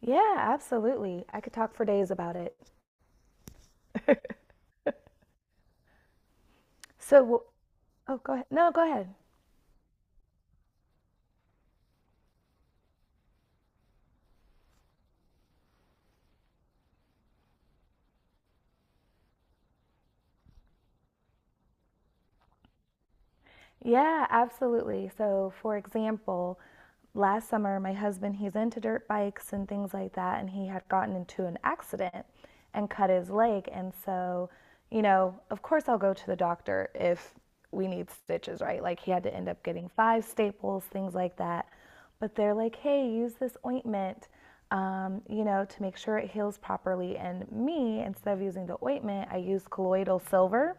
Yeah, absolutely. I could talk for days about it. So, oh, go ahead. No, go ahead. Yeah, absolutely. So, for example, last summer, my husband, he's into dirt bikes and things like that, and he had gotten into an accident and cut his leg. And so, of course, I'll go to the doctor if we need stitches, right? Like, he had to end up getting five staples, things like that. But they're like, hey, use this ointment, to make sure it heals properly. And me, instead of using the ointment, I use colloidal silver.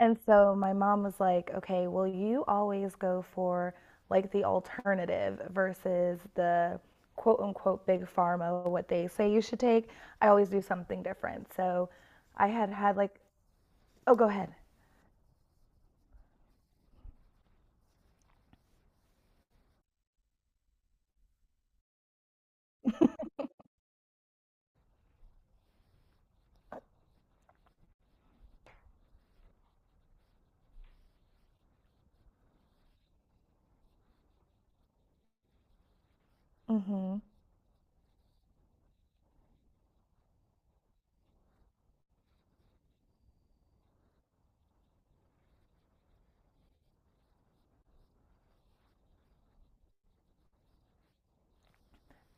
And so my mom was like, okay, well, you always go for like the alternative versus the quote unquote big pharma, what they say you should take. I always do something different. So I had had like, oh, go ahead. Hmm.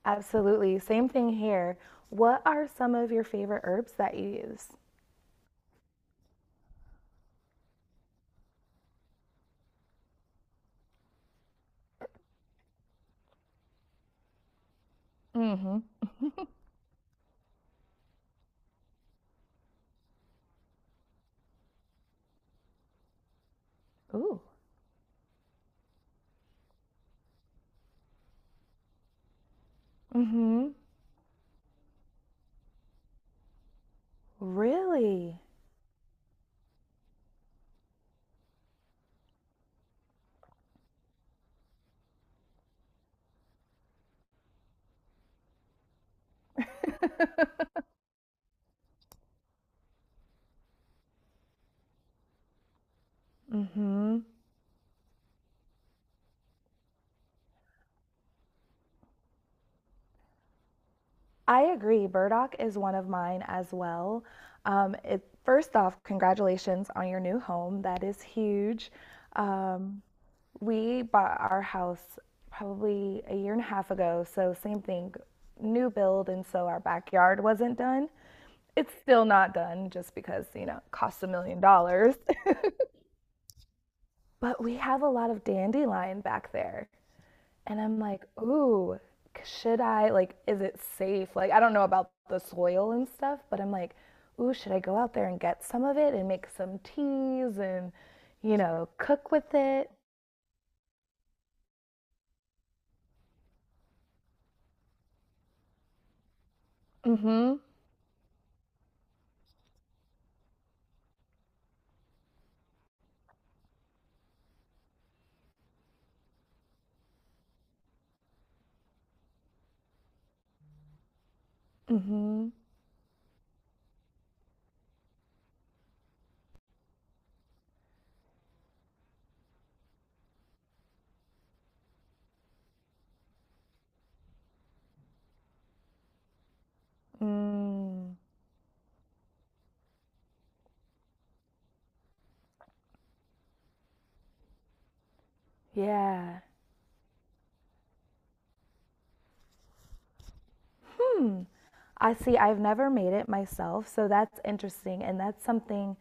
Absolutely. Same thing here. What are some of your favorite herbs that you use? Hmm. Ooh. Hmm. Really? Hmm. I agree. Burdock is one of mine as well. It, first off, congratulations on your new home. That is huge. Um, we bought our house probably a year and a half ago, so same thing, new build, and so our backyard wasn't done. It's still not done just because, it costs $1 million. But we have a lot of dandelion back there. And I'm like, ooh, should I, like, is it safe? Like, I don't know about the soil and stuff, but I'm like, ooh, should I go out there and get some of it and make some teas and, cook with it? Mm hmm. Mm hmm. Mm, yeah. I see, I've never made it myself, so that's interesting. And that's something,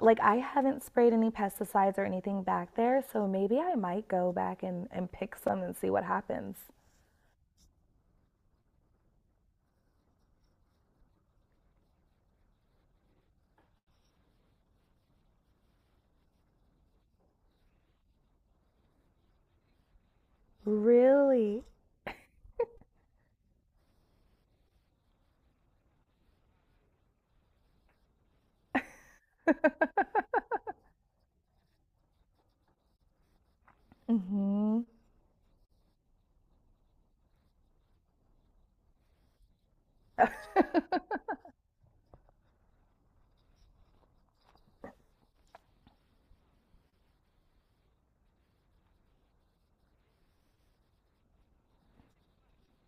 like, I haven't sprayed any pesticides or anything back there, so maybe I might go back and pick some and see what happens. Really? Mm hmm.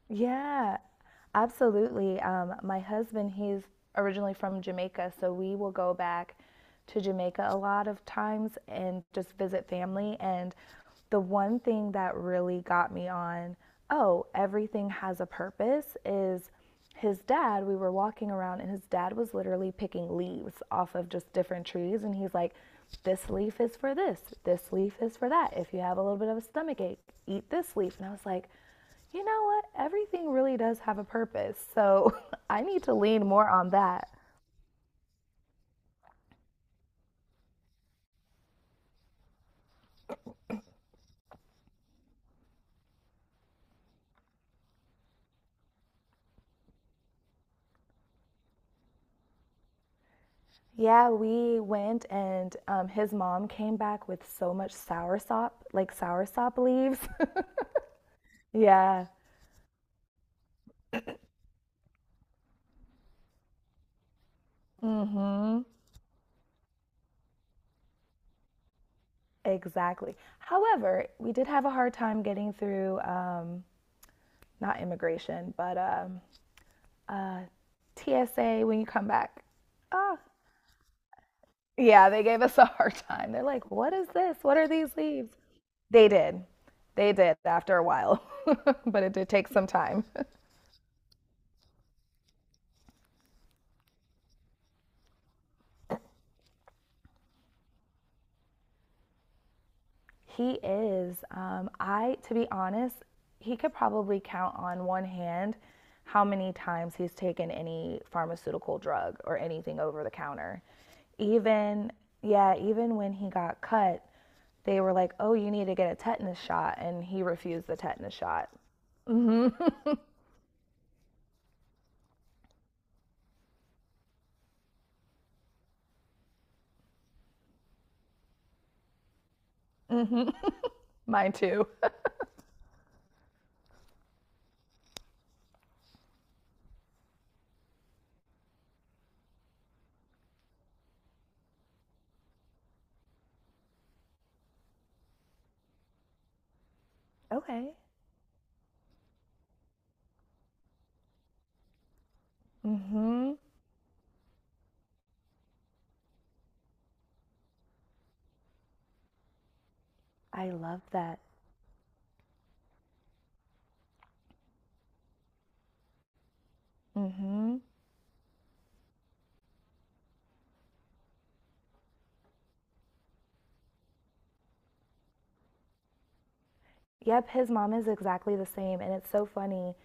Yeah, absolutely. My husband, he's originally from Jamaica, so we will go back to Jamaica a lot of times and just visit family. And the one thing that really got me on, oh, everything has a purpose, is his dad. We were walking around, and his dad was literally picking leaves off of just different trees. And he's like, this leaf is for this, this leaf is for that. If you have a little bit of a stomach ache, eat this leaf. And I was like, you know what? Everything really does have a purpose. So I need to lean more on that. Yeah, we went and his mom came back with so much soursop, like soursop leaves. Yeah. Mm-hmm. Exactly. However, we did have a hard time getting through, not immigration, but uh, TSA when you come back. Ah, yeah, they gave us a hard time. They're like, "What is this? What are these leaves?" They did. They did after a while, but it did take some time. He is. I, to be honest, he could probably count on one hand how many times he's taken any pharmaceutical drug or anything over the counter. Even, yeah, even when he got cut, they were like, "Oh, you need to get a tetanus shot," and he refused the tetanus shot. Hmm. Mine too. Okay. Mhm. I love that. Mhm. Yep, his mom is exactly the same, and it's so funny.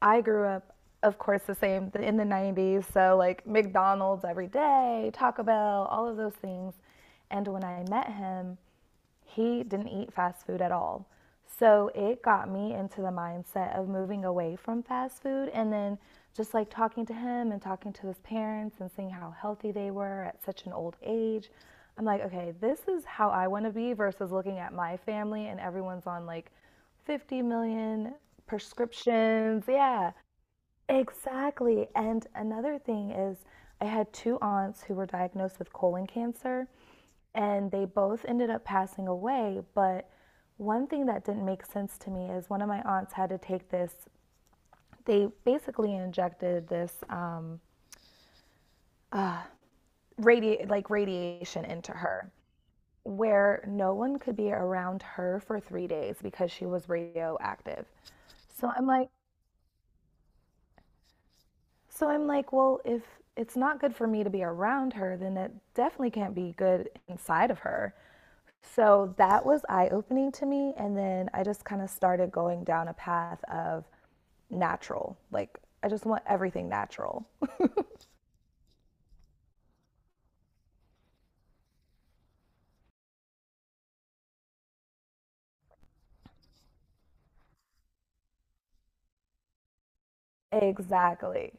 I grew up, of course, the same in the 90s, so like McDonald's every day, Taco Bell, all of those things. And when I met him, he didn't eat fast food at all. So it got me into the mindset of moving away from fast food and then just like talking to him and talking to his parents and seeing how healthy they were at such an old age. I'm like, okay, this is how I want to be versus looking at my family and everyone's on like 50 million prescriptions. Yeah, exactly. And another thing is, I had two aunts who were diagnosed with colon cancer, and they both ended up passing away. But one thing that didn't make sense to me is one of my aunts had to take this. They basically injected this like radiation into her, where no one could be around her for 3 days because she was radioactive. So I'm like, so I'm like, well, if it's not good for me to be around her, then it definitely can't be good inside of her. So that was eye opening to me. And then I just kind of started going down a path of natural. Like, I just want everything natural. Exactly.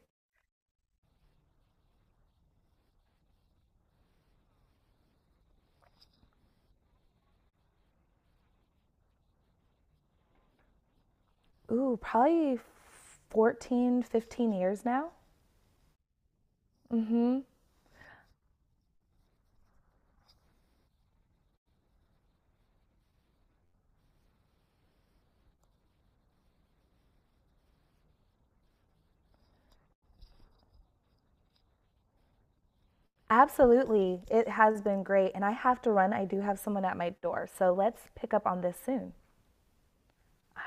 Ooh, probably 14, 15 years now. Mm hmm. Absolutely. It has been great. And I have to run. I do have someone at my door. So let's pick up on this soon.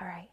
All right.